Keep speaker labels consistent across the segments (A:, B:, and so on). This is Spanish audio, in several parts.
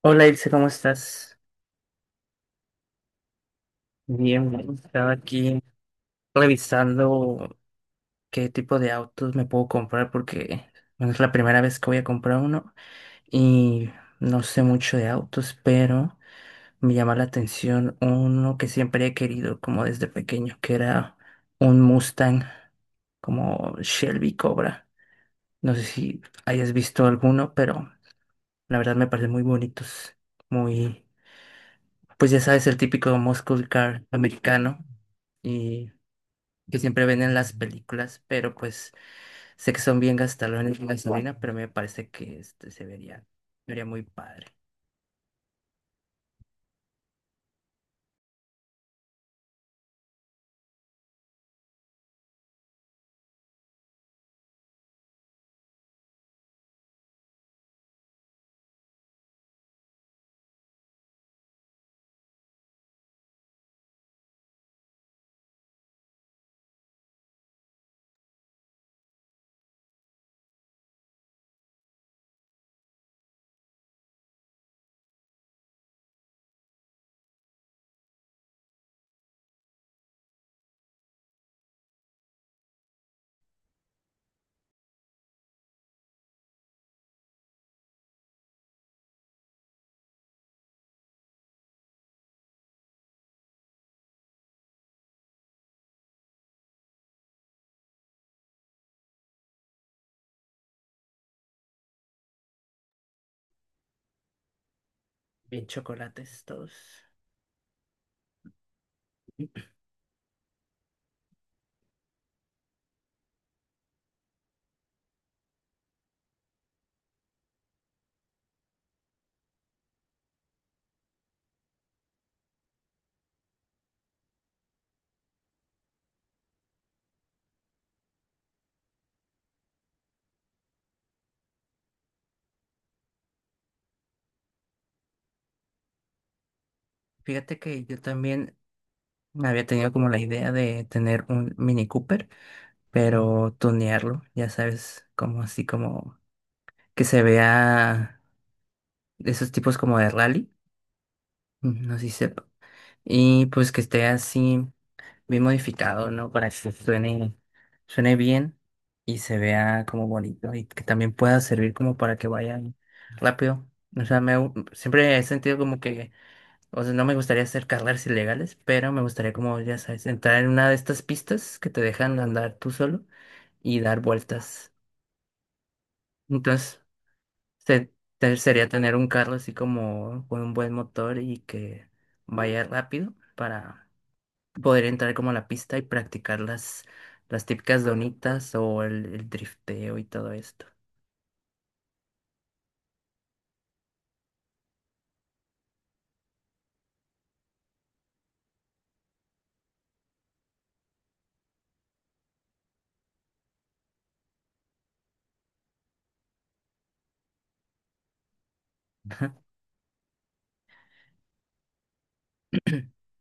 A: Hola Ilse, ¿cómo estás? Bien, bien. Estaba aquí revisando qué tipo de autos me puedo comprar porque bueno, es la primera vez que voy a comprar uno y no sé mucho de autos, pero me llama la atención uno que siempre he querido como desde pequeño, que era un Mustang como Shelby Cobra. No sé si hayas visto alguno, pero la verdad me parecen muy bonitos, muy pues ya sabes, el típico muscle car americano y que siempre ven en las películas, pero pues sé que son bien gastalones en gasolina, pero me parece que este se vería muy padre. Bien chocolates todos. Fíjate que yo también me había tenido como la idea de tener un Mini Cooper, pero tunearlo, ya sabes, como así como que se vea de esos tipos como de rally, no sé si sepa. Y pues que esté así, bien modificado, ¿no? Para que suene bien y se vea como bonito y que también pueda servir como para que vayan rápido. O sea, siempre he sentido como que, o sea, no me gustaría hacer carreras ilegales, pero me gustaría como, ya sabes, entrar en una de estas pistas que te dejan andar tú solo y dar vueltas. Entonces, se- sería tener un carro así como con un buen motor y que vaya rápido para poder entrar como a la pista y practicar las típicas donitas o el drifteo y todo esto.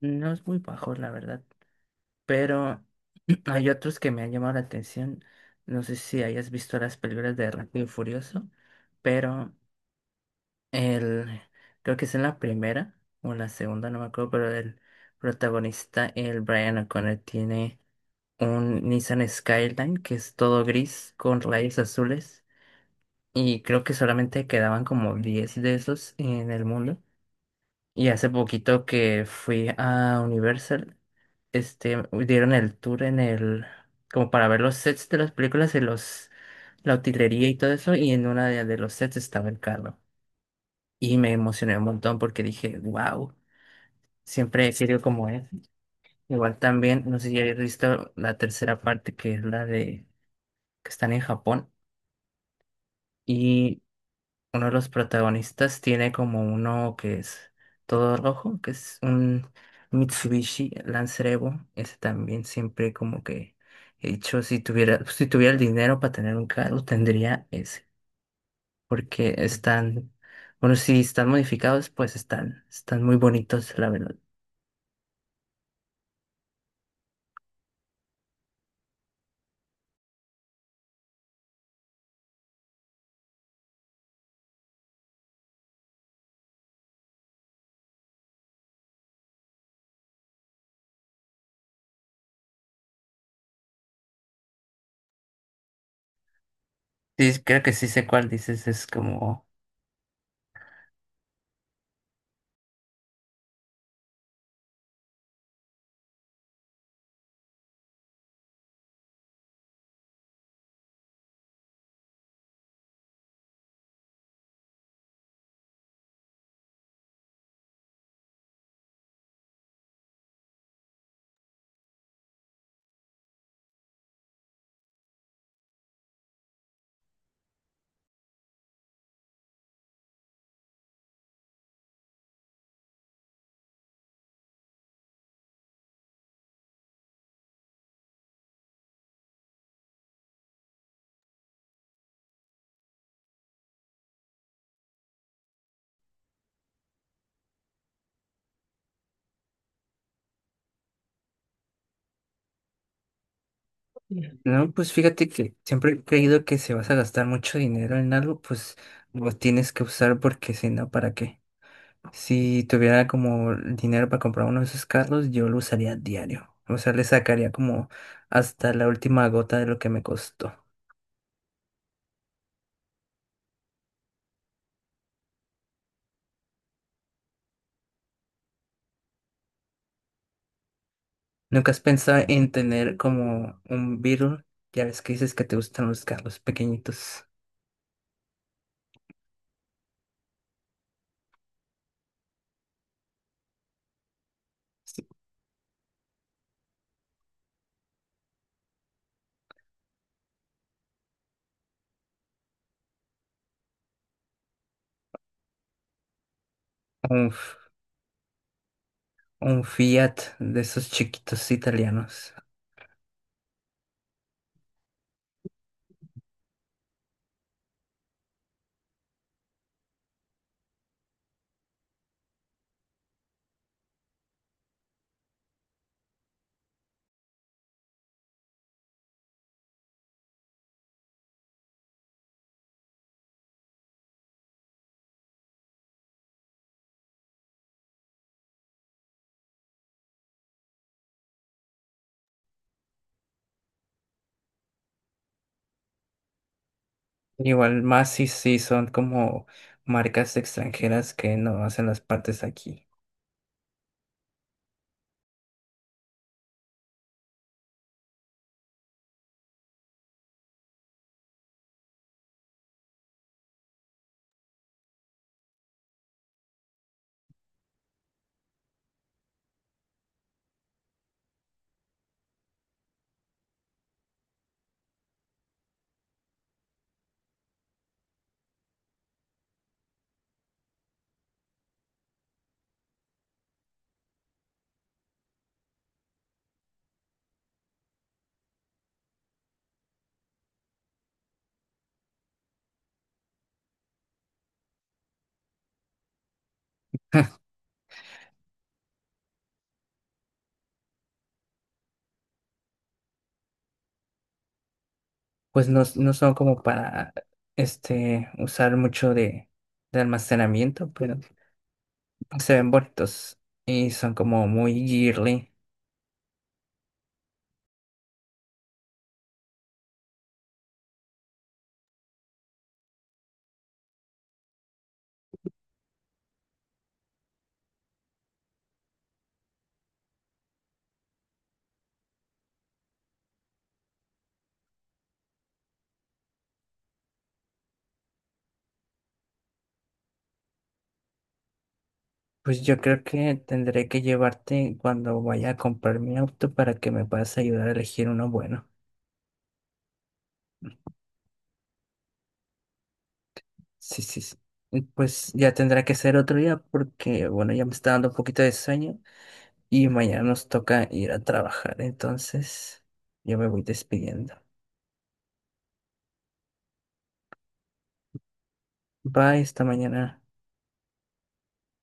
A: No es muy bajo, la verdad, pero hay otros que me han llamado la atención. No sé si hayas visto las películas de Rápido y Furioso, pero el, creo que es en la primera o en la segunda, no me acuerdo, pero el protagonista, el Brian O'Connor, tiene un Nissan Skyline que es todo gris con rayos azules y creo que solamente quedaban como 10 de esos en el mundo. Y hace poquito que fui a Universal, este, dieron el tour como para ver los sets de las películas y la utilería y todo eso, y en una de los sets estaba el carro. Y me emocioné un montón porque dije, wow, siempre he querido como es. Igual también, no sé si habéis visto la tercera parte que es la de, que están en Japón. Y uno de los protagonistas tiene como uno que es todo rojo, que es un Mitsubishi Lancer Evo. Ese también siempre como que he dicho, si tuviera el dinero para tener un carro, tendría ese. Porque bueno, si están modificados, pues están muy bonitos, la verdad. Sí, creo que sí sé cuál dices, es como... Bien. No, pues fíjate que siempre he creído que si vas a gastar mucho dinero en algo, pues lo tienes que usar porque si no, ¿para qué? Si tuviera como dinero para comprar uno de esos carros, yo lo usaría diario. O sea, le sacaría como hasta la última gota de lo que me costó. ¿Nunca has pensado en tener como un Beetle? Ya ves que dices que te gustan los carros pequeñitos. Sí. Un, F- un Fiat de esos chiquitos italianos. Igual más si, si son como marcas extranjeras que no hacen las partes aquí. pues no, no son como para este, usar mucho de almacenamiento, pero se ven bonitos y son como muy girly. Pues yo creo que tendré que llevarte cuando vaya a comprar mi auto para que me puedas ayudar a elegir uno bueno. Sí, sí, sí. Y pues ya tendrá que ser otro día porque, bueno, ya me está dando un poquito de sueño y mañana nos toca ir a trabajar. Entonces, yo me voy despidiendo. Bye, esta mañana.